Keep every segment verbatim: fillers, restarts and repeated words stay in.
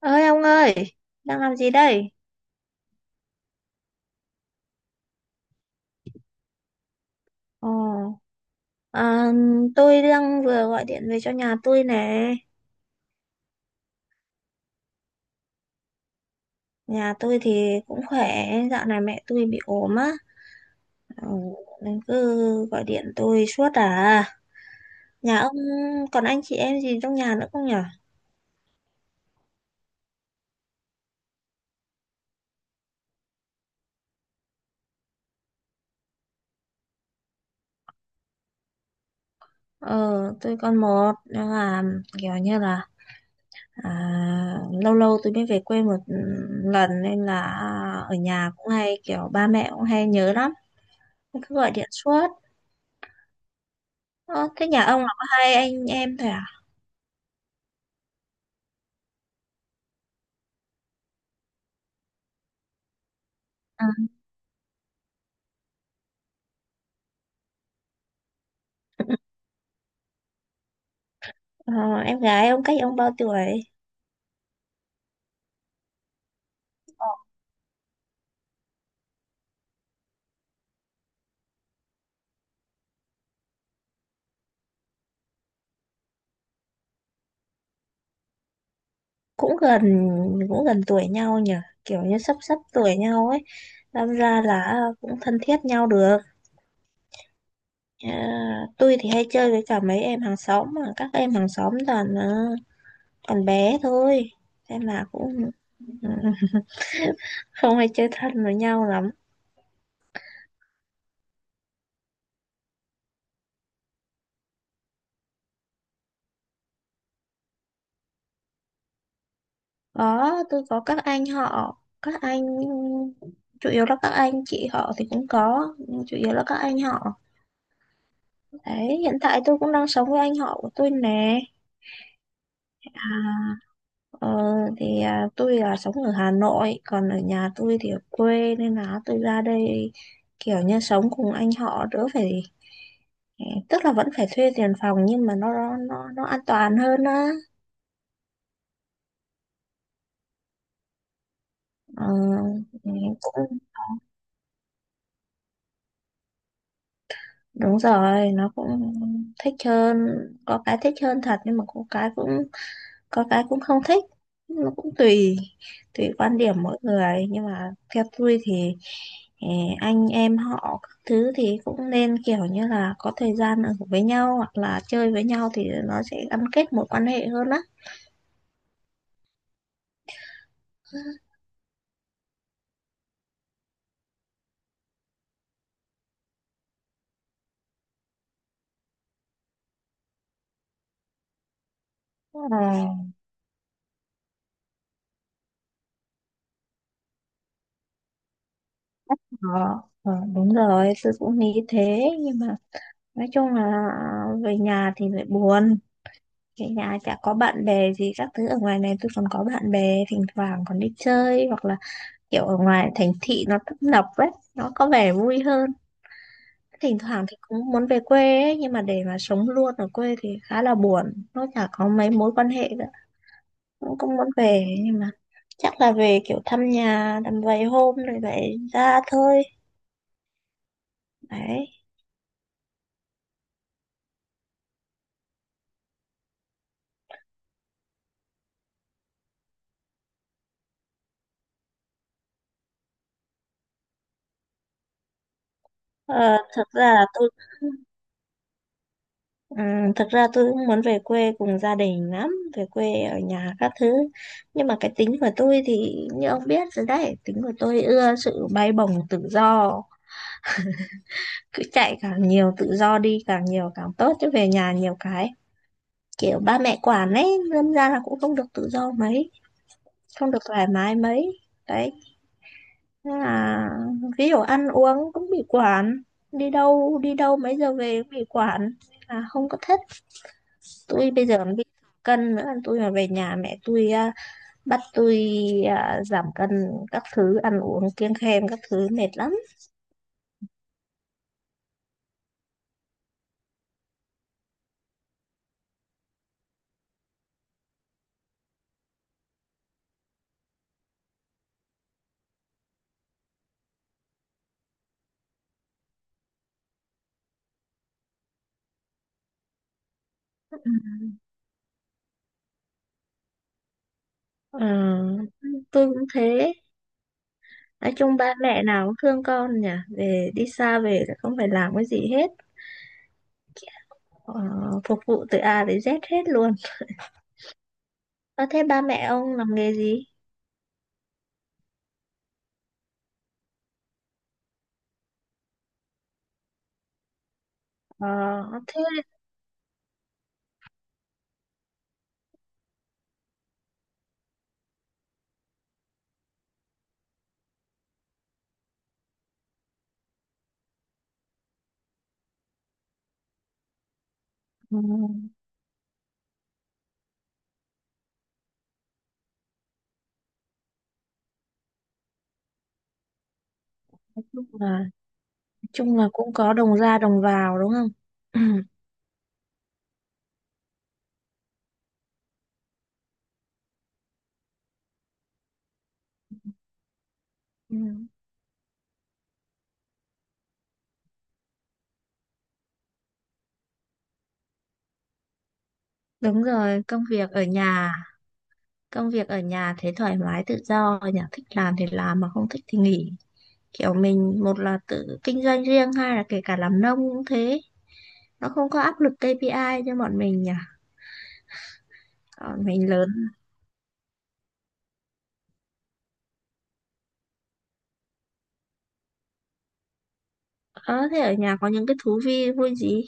Ơi ông ơi, đang làm gì đây? Ồ. À, tôi đang vừa gọi điện về cho nhà tôi nè. Nhà tôi thì cũng khỏe, dạo này mẹ tôi bị ốm á. Ừ, nên cứ gọi điện tôi suốt à. Nhà ông còn anh chị em gì trong nhà nữa không nhở? Ờ, tôi còn một nhưng mà kiểu như là à, lâu lâu tôi mới về quê một lần nên là ở nhà cũng hay kiểu ba mẹ cũng hay nhớ lắm, cứ gọi điện suốt. Ờ, thế nhà ông là có hai anh em thôi à? Ừ. Ờ, em gái ông cách ông bao tuổi? Cũng gần, cũng gần tuổi nhau nhỉ, kiểu như sắp sắp tuổi nhau ấy, đâm ra là à, cũng thân thiết nhau được. Ờ, tôi thì hay chơi với cả mấy em hàng xóm mà các em hàng xóm toàn ờ, còn bé thôi, nên là cũng ừ, không hay chơi thân với nhau lắm. Có, tôi có các anh họ, các anh chủ yếu là các anh chị họ thì cũng có, nhưng chủ yếu là các anh họ. Đấy, hiện tại tôi cũng đang sống với anh họ của tôi nè. À, ờ, thì à, tôi là sống ở Hà Nội, còn ở nhà tôi thì ở quê nên là tôi ra đây kiểu như sống cùng anh họ đỡ phải, tức là vẫn phải thuê tiền phòng nhưng mà nó nó nó an toàn hơn á. Ờ, cũng đúng rồi, nó cũng thích hơn, có cái thích hơn thật nhưng mà có cái cũng có cái cũng không thích, nó cũng tùy tùy quan điểm mỗi người nhưng mà theo tôi thì eh, anh em họ các thứ thì cũng nên kiểu như là có thời gian ở với nhau hoặc là chơi với nhau thì nó sẽ gắn kết mối quan hệ hơn á. Ờ, ờ, ờ, đúng rồi, tôi cũng nghĩ thế nhưng mà nói chung là về nhà thì lại buồn, về nhà chả có bạn bè gì các thứ, ở ngoài này tôi còn có bạn bè thỉnh thoảng còn đi chơi, hoặc là kiểu ở ngoài thành thị nó tấp nập ấy, nó có vẻ vui hơn. Thỉnh thoảng thì cũng muốn về quê ấy nhưng mà để mà sống luôn ở quê thì khá là buồn, nó chả có mấy mối quan hệ nữa. Cũng cũng muốn về nhưng mà chắc là về kiểu thăm nhà tầm vài hôm rồi vậy ra thôi. Đấy. ờ, thực ra là tôi ừm, Thực ra tôi cũng muốn về quê cùng gia đình lắm, về quê ở nhà các thứ, nhưng mà cái tính của tôi thì như ông biết rồi đấy, tính của tôi ưa sự bay bổng tự do. Cứ chạy càng nhiều, tự do đi càng nhiều càng tốt, chứ về nhà nhiều cái kiểu ba mẹ quản ấy, lâm ra là cũng không được tự do mấy, không được thoải mái mấy. Đấy, nên là ví dụ ăn uống cũng bị quản, đi đâu đi đâu mấy giờ về cũng bị quản, là không có thích. Tôi bây giờ còn bị cân nữa, tôi mà về nhà mẹ tôi à, bắt tôi à, giảm cân các thứ, ăn uống kiêng khem các thứ mệt lắm. Ừ. Tôi cũng thế. Nói chung ba mẹ nào cũng thương con nhỉ, về đi xa về là không phải làm cái gì hết, ờ, phục vụ từ a đến dét hết luôn. Ờ, thế ba mẹ ông làm nghề gì? Ờ, thế, ừ, nói chung là nói chung là cũng có đồng ra đồng vào đúng không? Ừ. Đúng rồi, công việc ở nhà, công việc ở nhà thế thoải mái tự do nhỉ, thích làm thì làm mà không thích thì nghỉ. Kiểu mình một là tự kinh doanh riêng, hai là kể cả làm nông cũng thế, nó không có áp lực ca pê i cho bọn mình nhỉ. Ờ, mình lớn ờ thế ở nhà có những cái thú vui vui gì?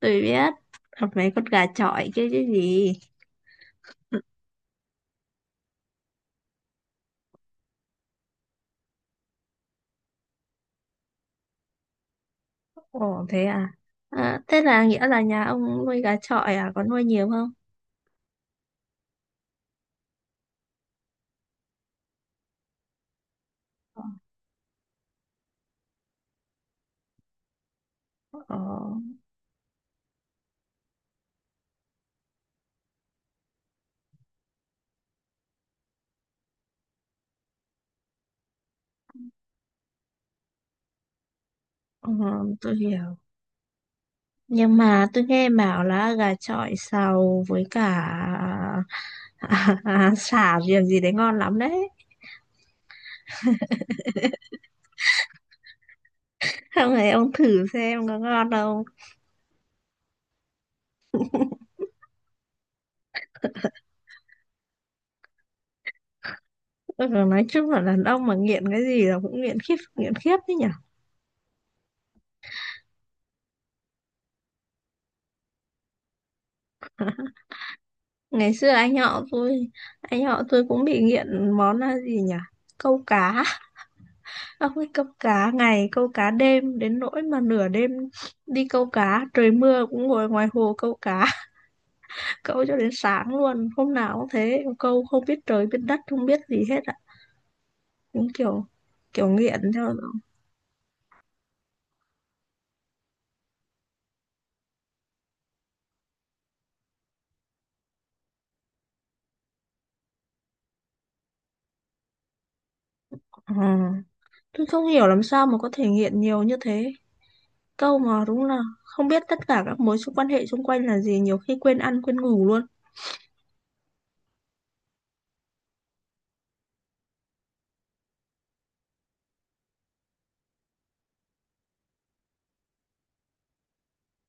Tôi biết. Hoặc mấy con gà chọi kia chứ gì. Ồ, thế à? Ờ, thế là nghĩa là nhà ông nuôi gà chọi à, có nuôi nhiều không? Ờ, ờ, tôi hiểu. Nhưng mà tôi nghe bảo là gà chọi xào với cả à, sả riềng gì đấy ngon lắm đấy. Không này, ông thử xem có ngon không. Ừ, nói chung là đàn ông mà nghiện cái gì là cũng nghiện khiếp, nghiện khiếp đấy nhỉ. Ngày xưa anh họ tôi, anh họ tôi cũng bị nghiện món là gì nhỉ, câu cá. Ông ấy câu cá ngày câu cá đêm đến nỗi mà nửa đêm đi câu cá trời mưa cũng ngồi ngoài hồ câu cá, câu cho đến sáng luôn, hôm nào cũng thế, câu không biết trời biết đất không biết gì hết ạ, cũng kiểu kiểu nghiện theo. Ừ. Tôi không hiểu làm sao mà có thể nghiện nhiều như thế, câu mà đúng là không biết tất cả các mối quan hệ xung quanh là gì, nhiều khi quên ăn quên ngủ luôn.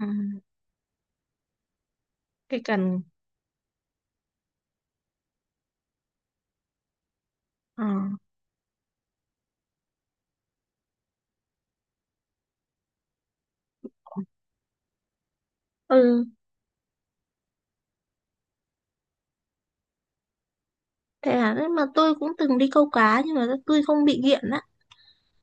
Ừ. Cái cần. Ờ. Ừ, thế là đấy mà tôi cũng từng đi câu cá nhưng mà tôi không bị nghiện á.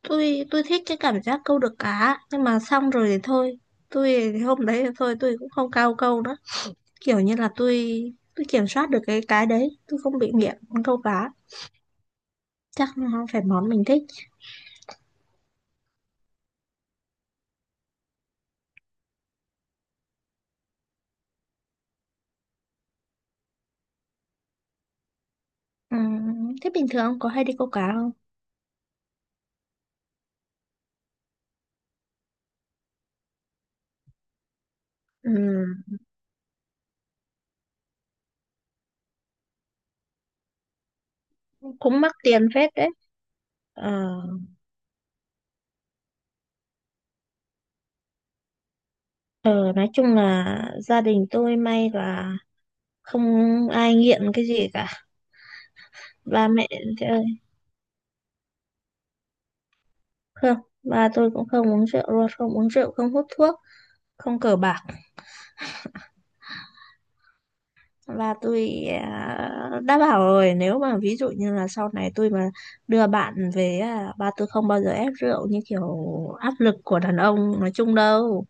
Tôi tôi thích cái cảm giác câu được cá nhưng mà xong rồi thì thôi. Tôi thì hôm đấy thì thôi tôi cũng không cao câu nữa. Kiểu như là tôi tôi kiểm soát được cái cái đấy, tôi không bị nghiện câu cá. Chắc nó không phải món mình thích. Ừ, thế bình thường ông có hay đi câu cá không? Ừ, cũng mắc tiền phết đấy. Ờ, ờ, nói chung là gia đình tôi may là không ai nghiện cái gì cả. Ba mẹ Không, ba tôi cũng không uống rượu luôn, không uống rượu, không hút thuốc, không cờ bạc. Và tôi à, đã bảo rồi, nếu mà ví dụ như là sau này tôi mà đưa bạn về, à, ba tôi không bao giờ ép rượu như kiểu áp lực của đàn ông nói chung đâu.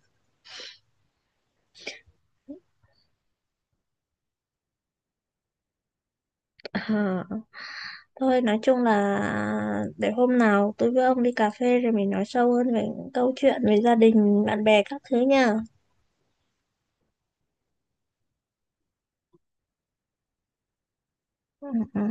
À, thôi, nói chung là để hôm nào tôi với ông đi cà phê rồi mình nói sâu hơn về những câu chuyện về gia đình, bạn bè các thứ nha. Ừ, ừ.